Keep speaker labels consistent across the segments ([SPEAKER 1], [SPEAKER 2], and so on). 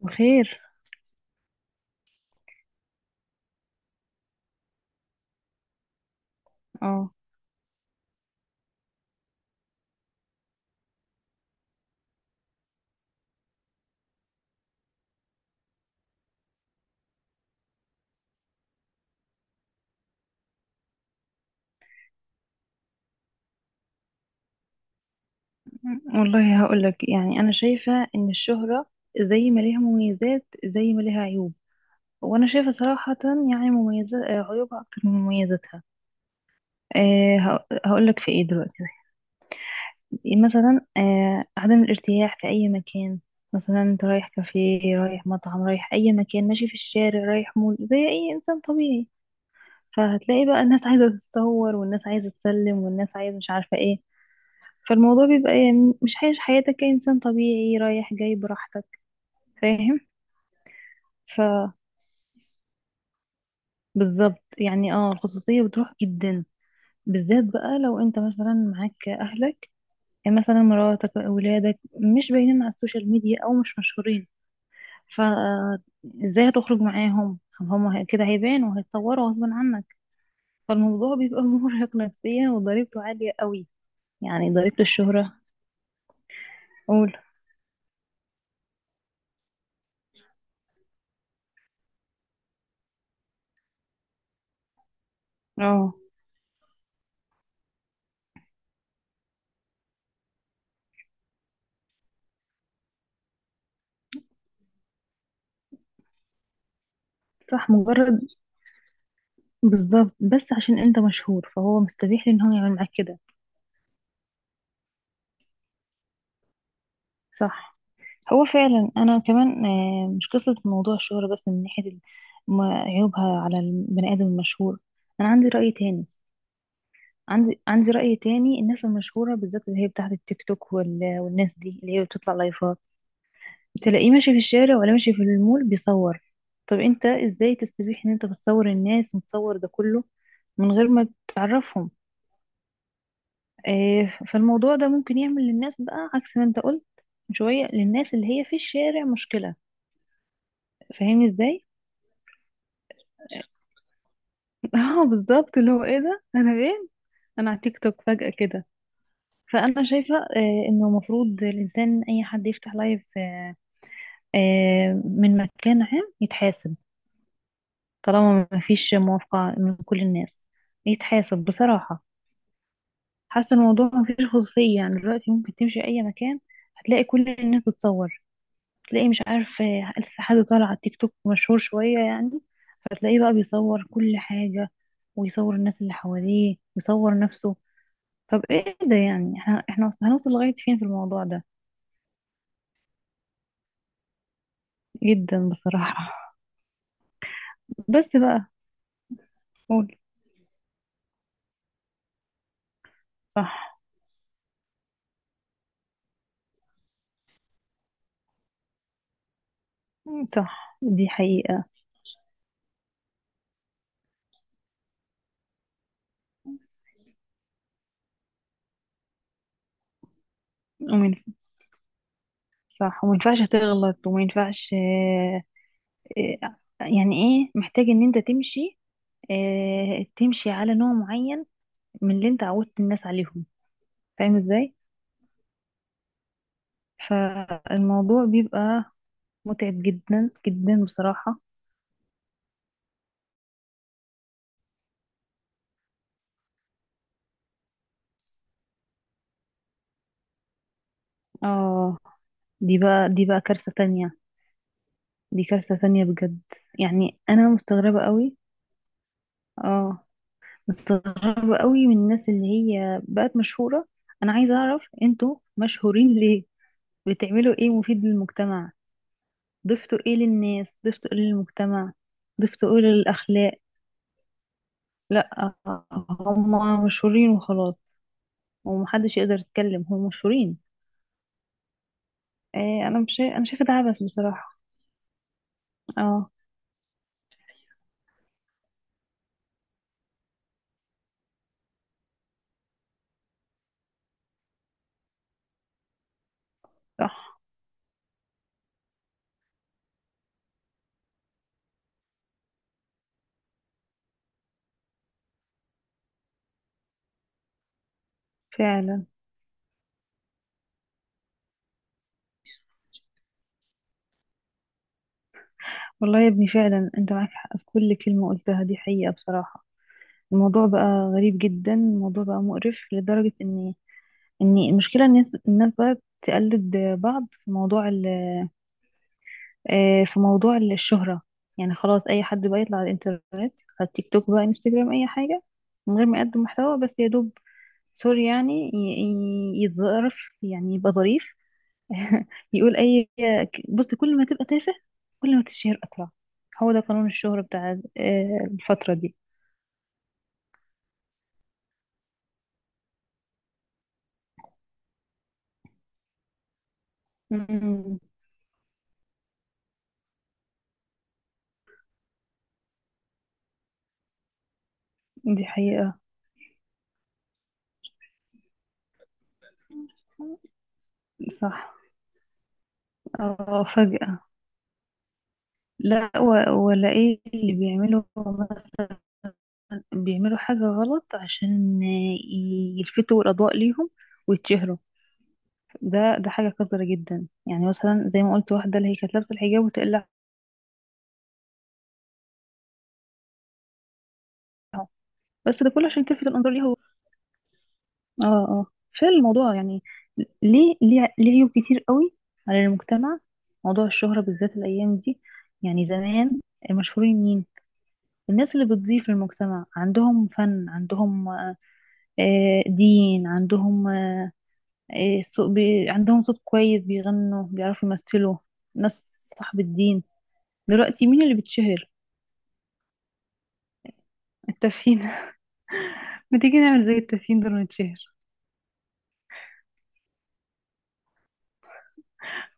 [SPEAKER 1] وخير. اه والله هقولك، انا شايفة ان الشهرة زي ما ليها مميزات زي ما ليها عيوب، وانا شايفة صراحة يعني مميزات عيوبها اكتر من مميزاتها. هقولك في ايه دلوقتي. مثلا عدم الارتياح في اي مكان. مثلا انت رايح كافيه، رايح مطعم، رايح اي مكان، ماشي في الشارع، رايح مول، زي اي انسان طبيعي. فهتلاقي بقى الناس عايزة تتصور، والناس عايزة تسلم، والناس عايزة مش عارفة ايه. فالموضوع بيبقى يعني مش عايش حياتك كإنسان طبيعي رايح جاي براحتك، فاهم؟ ف بالظبط، يعني اه الخصوصية بتروح جدا. بالذات بقى لو انت مثلا معاك اهلك، يعني مثلا مراتك، اولادك، مش باينين على السوشيال ميديا او مش مشهورين، فازاي هتخرج معاهم؟ كده هيبانوا وهيتصوروا غصب عنك. فالموضوع بيبقى مرهق نفسيا وضريبته عالية قوي، يعني ضريبة الشهرة. قول. اه، صح. مجرد، بالظبط، بس عشان انت مشهور فهو مستبيح ان هو يعمل معاك كده. صح. هو فعلا انا كمان آه، مش قصة موضوع الشهرة بس، من ناحية ال- ما- عيوبها على البني ادم المشهور. انا عندي رأي تاني. عندي رأي تاني، الناس المشهورة بالذات اللي هي بتاعت التيك توك والناس دي اللي هي بتطلع لايفات، تلاقيه ماشي في الشارع ولا ماشي في المول بيصور. طب انت ازاي تستبيح ان انت بتصور الناس وتصور ده كله من غير ما تعرفهم؟ آه، فالموضوع ده ممكن يعمل للناس بقى عكس ما انت قلت من شوية، للناس اللي هي في الشارع مشكلة. فاهمني ازاي؟ اه بالظبط، اللي هو ايه ده؟ انا فين؟ انا على تيك توك فجأة كده. فانا شايفة آه، انه المفروض الانسان اي حد يفتح لايف آه، آه، من مكان عام يتحاسب. طالما ما فيش موافقة من كل الناس يتحاسب بصراحة. حاسة الموضوع ما فيش خصوصية، يعني دلوقتي ممكن تمشي اي مكان هتلاقي كل الناس بتصور. تلاقي مش عارف آه، لسه حد طالع على التيك توك مشهور شوية يعني، فتلاقيه بقى بيصور كل حاجة، ويصور الناس اللي حواليه ويصور نفسه. طب ايه ده يعني؟ احنا هنوصل لغاية فين في الموضوع ده؟ جدا بصراحة. بس بقى. قول. صح. صح دي حقيقة. ومن، صح، وما ينفعش تغلط، وما ينفعش آه، آه، يعني ايه، محتاج ان انت تمشي آه، تمشي على نوع معين من اللي انت عودت الناس عليهم، فاهم ازاي؟ فالموضوع بيبقى متعب جدا جدا بصراحة. اه، دي بقى دي بقى كارثة تانية. دي كارثة تانية بجد. يعني أنا مستغربة قوي. اه. مستغربة قوي من الناس اللي هي بقت مشهورة. أنا عايزة أعرف أنتوا مشهورين ليه؟ بتعملوا إيه مفيد للمجتمع؟ ضفتوا إيه للناس؟ ضفتوا إيه للمجتمع؟ ضفتوا إيه للأخلاق؟ لأ، هما مشهورين وخلاص. ومحدش يقدر يتكلم، هما مشهورين. إيه، انا مش شايف- انا شايفه ده عبث بصراحه. اه. صح. فعلا. والله يا ابني فعلا انت معاك حق في كل كلمه قلتها، دي حقيقه بصراحه. الموضوع بقى غريب جدا، الموضوع بقى مقرف لدرجه ان المشكله الناس بقى تقلد بعض في موضوع آه، في موضوع الشهره. يعني خلاص اي حد بقى يطلع على الانترنت، على التيك توك بقى، انستجرام، اي حاجه، من غير ما يقدم محتوى، بس يا دوب سوري يعني يتظرف، يعني يبقى ظريف. يقول اي. بص، كل ما تبقى تافه كل ما تشهر اسرع، هو ده قانون الشهرة بتاع آه، الفترة دي. مم، دي حقيقة. صح. اه فجأة. لا ولا ايه اللي بيعملوا؟ مثلا بيعملوا حاجة غلط عشان يلفتوا الأضواء ليهم ويتشهروا. ده حاجة قذرة جدا، يعني مثلا زي ما قلت، واحدة اللي هي كانت لابسة الحجاب وتقلعه. بس ده كله عشان تلفت الأنظار ليها. اه، اه، فعلا الموضوع يعني ليه عيوب كتير قوي على المجتمع، موضوع الشهرة بالذات الأيام دي. يعني زمان المشهورين مين؟ الناس اللي بتضيف للمجتمع، عندهم فن، عندهم آه، دين، عندهم آه، عندهم صوت كويس بيغنوا، بيعرفوا يمثلوا، ناس صاحب الدين. دلوقتي مين اللي بتشهر؟ التافهين. ما تيجي نعمل زي التافهين دول ونتشهر.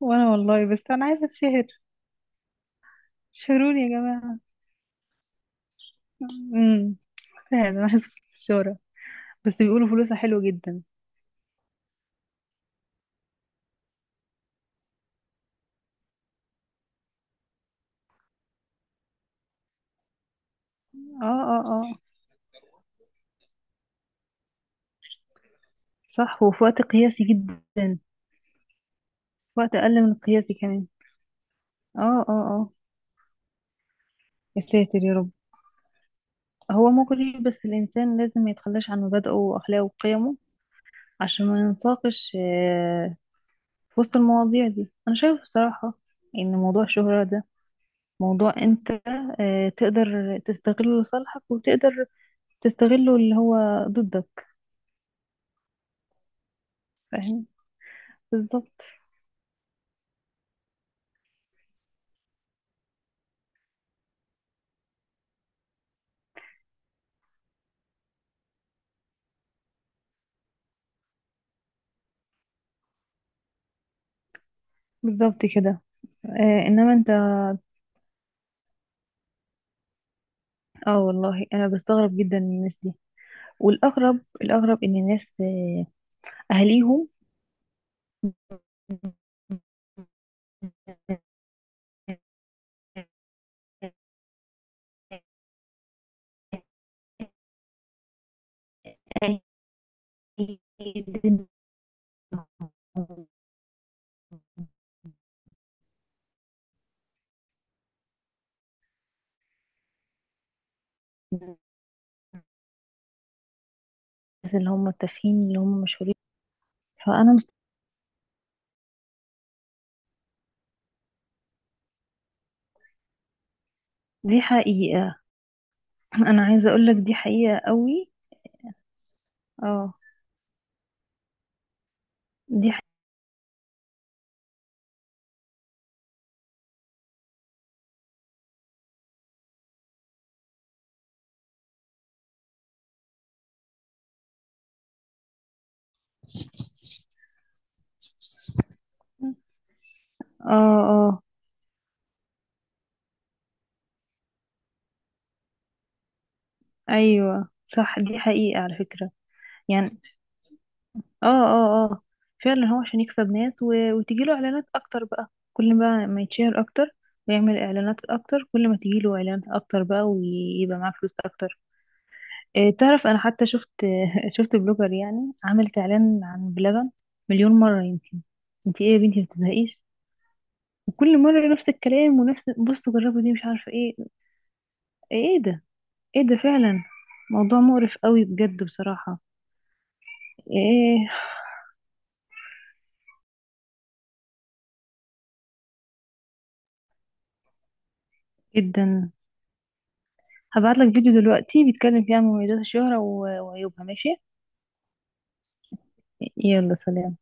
[SPEAKER 1] وانا والله بس انا عايزه اتشهر، شهروني يا جماعه. امم فعلا انا عايزه فرصة الشهرة، بس بيقولوا فلوسها حلوة جدا. اه، اه، اه. صح، وفي وقت قياسي جدا. في وقت أقل من القياسي كمان. اه. اه، اه. يا ساتر يا رب. هو مغري، بس الإنسان لازم ما يتخلاش عن مبادئه وأخلاقه وقيمه عشان ما ينساقش آه، في وسط المواضيع دي. أنا شايفة بصراحة إن موضوع الشهرة ده موضوع أنت آه، تقدر تستغله لصالحك وتقدر تستغله اللي هو ضدك، فاهم؟ بالظبط. بالظبط كده. آه، إنما أنت، اه والله انا بستغرب جدا من الناس دي. الاغرب ان الناس آه، اهاليهم، الناس اللي هم التافهين اللي هم مشهورين. فانا مست... دي حقيقة. انا عايزة اقول لك دي حقيقة قوي. اه. دي حقيقة. اه. اه. ايوه صح، دي حقيقة على فكرة. يعني اه، اه، اه، فعلا هو عشان يكسب ناس و... وتجيله اعلانات اكتر بقى، كل ما يتشهر اكتر ويعمل اعلانات اكتر، كل ما تجيله اعلانات اكتر بقى ويبقى معاه فلوس اكتر. إيه تعرف انا حتى شفت شفت بلوجر يعني عملت اعلان عن بلبن مليون مرة يمكن. انت ايه يا بنتي ما بتزهقيش؟ وكل مرة نفس الكلام ونفس بصوا جربوا دي مش عارفة ايه آه، ايه ده؟ ايه ده فعلا؟ موضوع مقرف قوي بجد بصراحة. ايه؟ جدا. هبعتلك فيديو دلوقتي بيتكلم فيه عن مميزات الشهرة وعيوبها، ماشي؟ يلا، سلام.